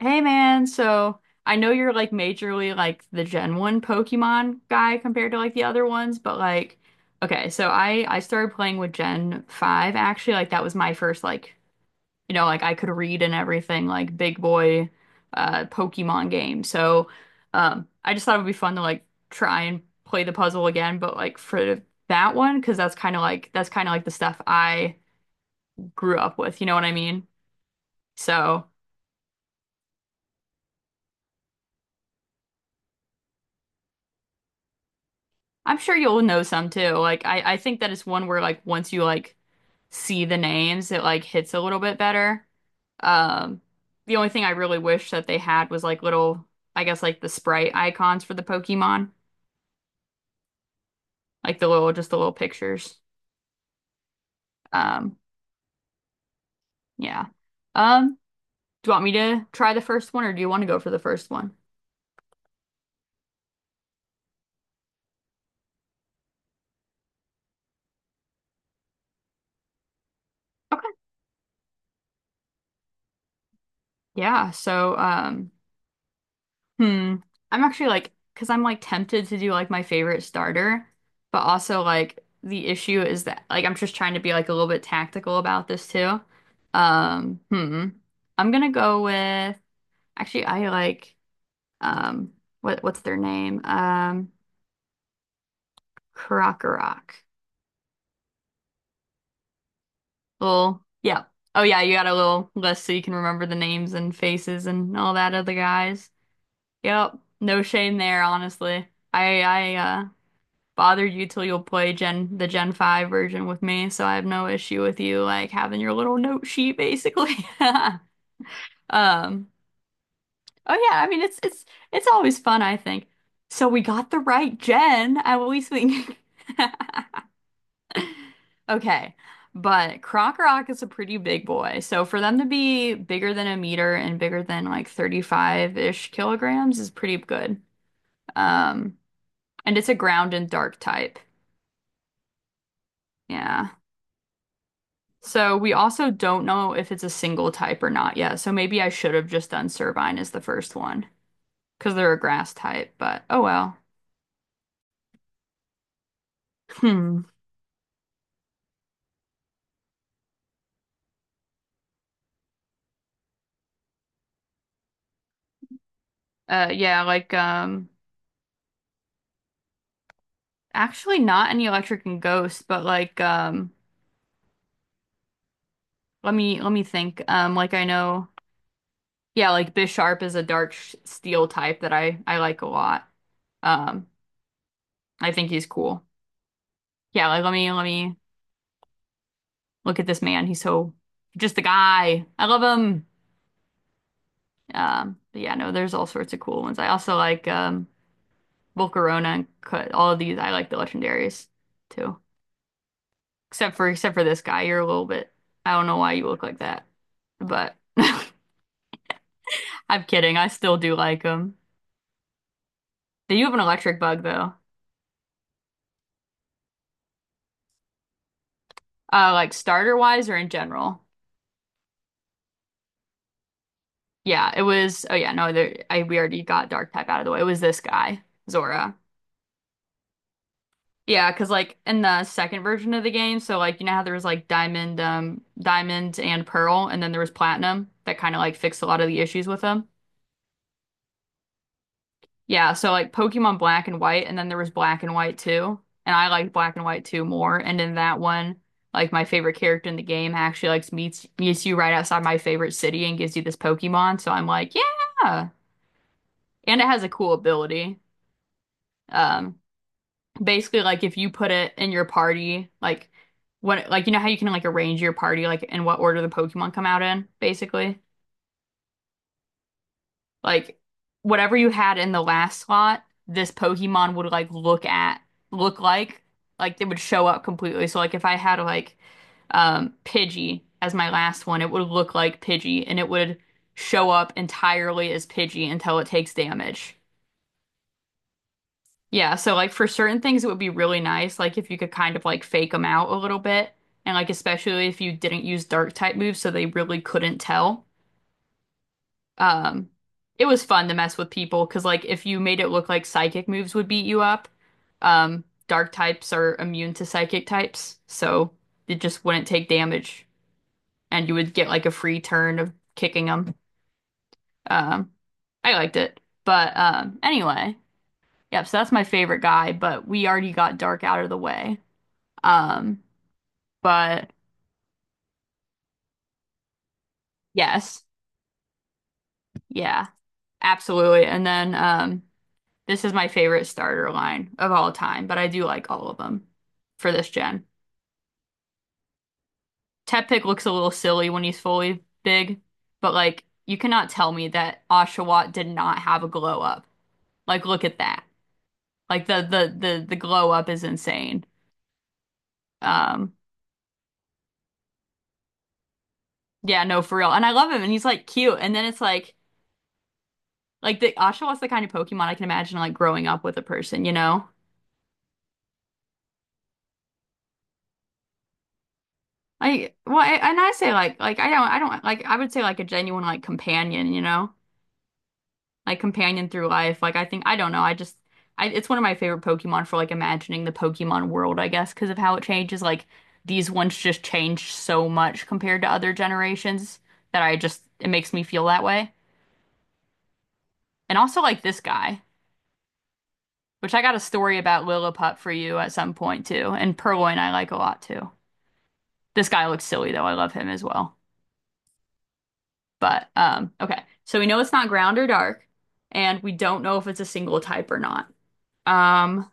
Hey man, so I know you're like majorly like the Gen 1 Pokemon guy compared to like the other ones, but like okay, so I started playing with Gen 5 actually, like that was my first like you know, like I could read and everything like big boy Pokemon game. So I just thought it would be fun to like try and play the puzzle again, but like for that one 'cause that's kind of like the stuff I grew up with, you know what I mean? So I'm sure you'll know some too. Like I think that it's one where like once you like see the names, it like hits a little bit better. Um, the only thing I really wish that they had was like little, I guess like the sprite icons for the Pokemon, like the little, just the little pictures. Um, yeah. Um, do you want me to try the first one or do you want to go for the first one? Okay. Yeah. So, Hmm. I'm actually like, because I'm like tempted to do like my favorite starter, but also like the issue is that like I'm just trying to be like a little bit tactical about this too. Um, hmm. I'm gonna go with actually I like um what's their name? Krokorok. Little, yeah. Oh yeah, you got a little list so you can remember the names and faces and all that other guys. Yep. No shame there, honestly. I bothered you till you'll play Gen 5 version with me, so I have no issue with you like having your little note sheet basically. Um, oh yeah, I mean it's always fun, I think. So we got the right gen, at least we Okay. But Croc is a pretty big boy. So for them to be bigger than a meter and bigger than like 35-ish kilograms is pretty good. Um, and it's a ground and dark type. Yeah. So we also don't know if it's a single type or not yet. So maybe I should have just done Servine as the first one because they're a grass type, but oh well. Hmm. Yeah, like actually not any electric and ghost, but like let me think. Like I know yeah, like Bisharp is a dark steel type that I like a lot. Um I think he's cool. Yeah, like let me look at this man. He's so just a guy. I love him. But yeah, no, there's all sorts of cool ones. I also like Volcarona and Cut all of these. I like the legendaries too. Except for this guy, you're a little bit I don't know why you look like that. But I'm kidding. I still do like them. They do have an electric bug though. Like starter wise or in general. Yeah, it was oh yeah, no, there I we already got dark type out of the way. It was this guy, Zora. Yeah, because like in the second version of the game, so like you know how there was like diamond, diamond and pearl, and then there was platinum that kind of like fixed a lot of the issues with them. Yeah, so like Pokemon Black and White, and then there was Black and White too, and I liked Black and White too more. And in that one, like my favorite character in the game actually like meets you right outside my favorite city and gives you this Pokemon. So I'm like, yeah, and it has a cool ability. Um, basically like if you put it in your party, like what like you know how you can like arrange your party like in what order the Pokemon come out in, basically. Like whatever you had in the last slot, this Pokemon would like look like it would show up completely. So like if I had like Pidgey as my last one, it would look like Pidgey and it would show up entirely as Pidgey until it takes damage. Yeah, so like for certain things, it would be really nice, like if you could kind of like fake them out a little bit, and like especially if you didn't use dark type moves, so they really couldn't tell. Um, it was fun to mess with people because like if you made it look like psychic moves would beat you up, dark types are immune to psychic types, so it just wouldn't take damage, and you would get like a free turn of kicking them. Um, I liked it, but anyway, yep. So that's my favorite guy, but we already got dark out of the way. Um, but yes, yeah, absolutely. And then this is my favorite starter line of all time, but I do like all of them for this gen. Teppick looks a little silly when he's fully big, but like you cannot tell me that Oshawott did not have a glow up. Like look at that. Like the glow up is insane. Um, yeah, no, for real. And I love him, and he's like cute. And then it's like the Oshawott's the kind of Pokemon I can imagine like growing up with a person, you know? Like, well, I, and I say like I don't like. I would say like a genuine like companion, you know, like companion through life. Like I think I don't know. I just, I it's one of my favorite Pokemon for like imagining the Pokemon world, I guess, because of how it changes. Like these ones just change so much compared to other generations that I just it makes me feel that way. And also like this guy, which I got a story about Lillipup for you at some point too, and Purloin I like a lot too. This guy looks silly though. I love him as well. But okay. So we know it's not ground or dark, and we don't know if it's a single type or not. Um,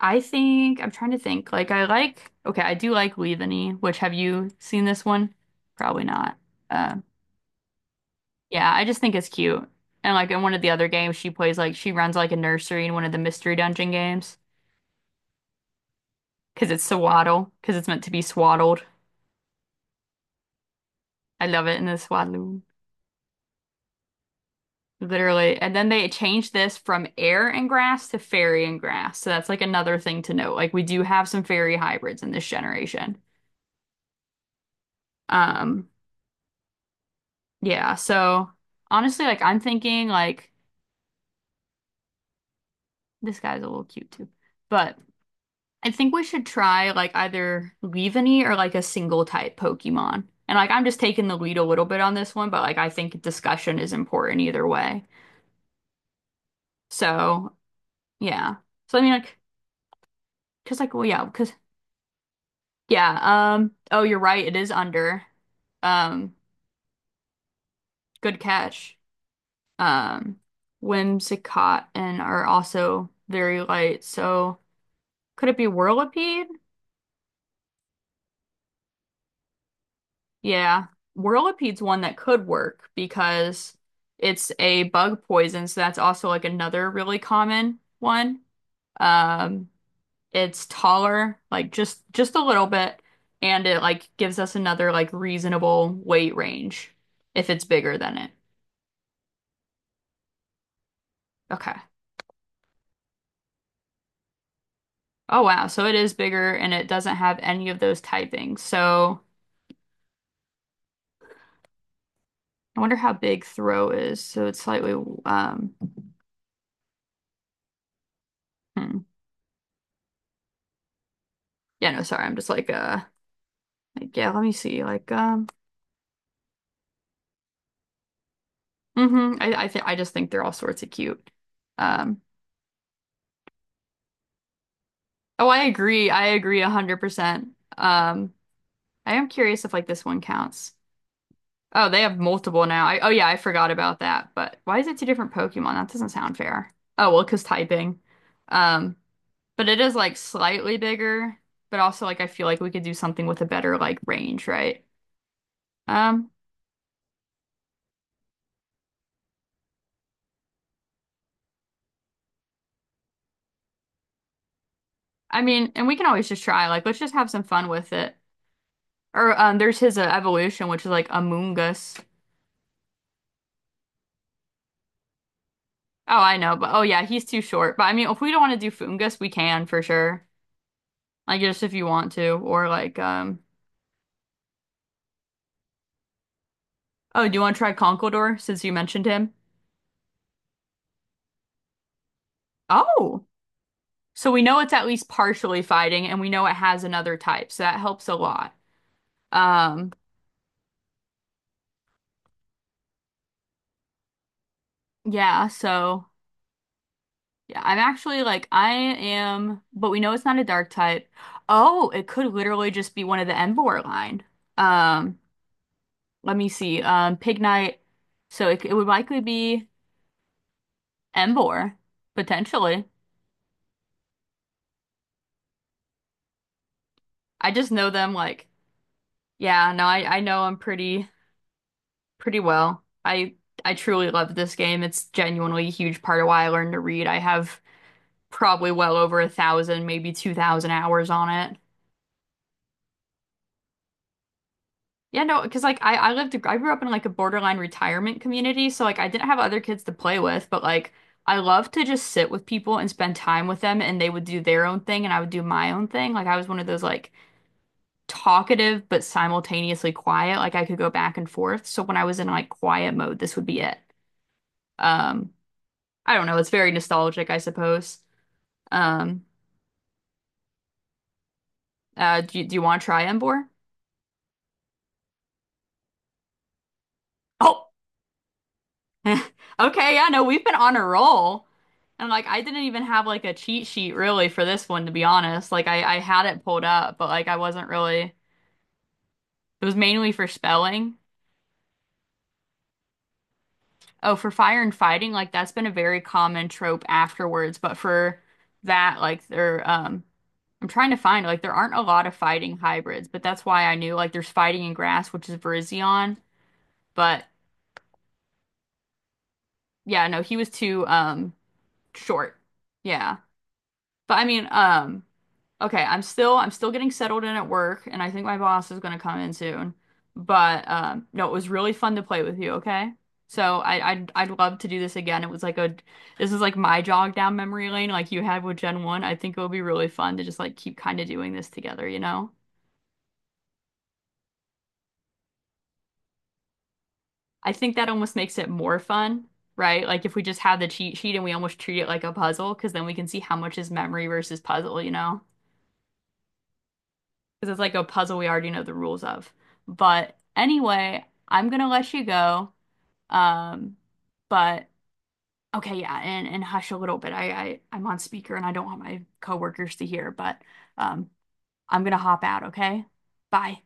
I think I'm trying to think. Like I like okay, I do like Leaveney, which have you seen this one? Probably not. Uh, yeah, I just think it's cute. And like in one of the other games, she plays like she runs like a nursery in one of the mystery dungeon games because it's swaddle because it's meant to be swaddled. I love it in the swaddle. Literally. And then they changed this from air and grass to fairy and grass. So that's like another thing to note. Like we do have some fairy hybrids in this generation. Um, yeah, so honestly, like I'm thinking like this guy's a little cute too. But I think we should try like either Leavanny or like a single type Pokemon. And like I'm just taking the lead a little bit on this one, but like I think discussion is important either way. So yeah. So I mean like because like well yeah, cause. Yeah, oh, you're right. It is under. Um, good catch. Um, Whimsicott and are also very light. So could it be Whirlipede? Yeah. Whirlipede's one that could work because it's a bug poison, so that's also like another really common one. Um, it's taller, like just a little bit, and it like gives us another like reasonable weight range if it's bigger than it. Okay. Oh wow, so it is bigger and it doesn't have any of those typings. So I wonder how big throw is. So it's slightly um hmm. Yeah, no, sorry. I'm just like yeah, let me see. Like I th I just think they're all sorts of cute. Um oh, I agree. I agree 100%. Um I am curious if like this one counts. Oh, they have multiple now. I oh yeah, I forgot about that. But why is it two different Pokemon? That doesn't sound fair. Oh, well, 'cause typing. Um But it is like slightly bigger, but also like I feel like we could do something with a better like range, right? Um, I mean, and we can always just try. Like, let's just have some fun with it. Or there's his evolution, which is like a Us. Oh, I know, but oh yeah, he's too short. But I mean, if we don't want to do Fungus, we can for sure. Like just if you want to, or like oh, do you want to try Conkeldurr since you mentioned him? Oh, so we know it's at least partially fighting, and we know it has another type, so that helps a lot. Um, yeah, so. Yeah, I'm actually like I am, but we know it's not a dark type. Oh, it could literally just be one of the Emvor line. Um, let me see. Pignite. So it would likely be Emvor, potentially. I just know them like yeah, no, I know them pretty well. I truly love this game. It's genuinely a huge part of why I learned to read. I have probably well over 1,000, maybe 2,000 hours on it. Yeah, no, because like I lived, I grew up in like a borderline retirement community. So like I didn't have other kids to play with, but like I love to just sit with people and spend time with them and they would do their own thing and I would do my own thing. Like I was one of those like talkative but simultaneously quiet. Like I could go back and forth. So when I was in like quiet mode, this would be it. Um, I don't know. It's very nostalgic, I suppose. Um, do you, do you want to try Embor? Oh, Okay, yeah, no, we've been on a roll. And like I didn't even have like a cheat sheet really for this one to be honest. Like I had it pulled up, but like I wasn't really it was mainly for spelling. Oh, for fire and fighting, like that's been a very common trope afterwards, but for that like there I'm trying to find like there aren't a lot of fighting hybrids, but that's why I knew like there's fighting in grass, which is Virizion, but yeah, no, he was too short. Yeah. But I mean, okay, I'm still getting settled in at work, and I think my boss is gonna come in soon. But No, it was really fun to play with you. Okay, so I'd love to do this again. It was like a this is like my jog down memory lane, like you had with Gen 1. I think it would be really fun to just like keep kind of doing this together. You know, I think that almost makes it more fun, right? Like if we just have the cheat sheet and we almost treat it like a puzzle, because then we can see how much is memory versus puzzle. You know. Because it's like a puzzle we already know the rules of. But anyway, I'm gonna let you go. Um, but okay, yeah, and hush a little bit. I, I'm on speaker and I don't want my coworkers to hear, but um, I'm gonna hop out, okay? Bye.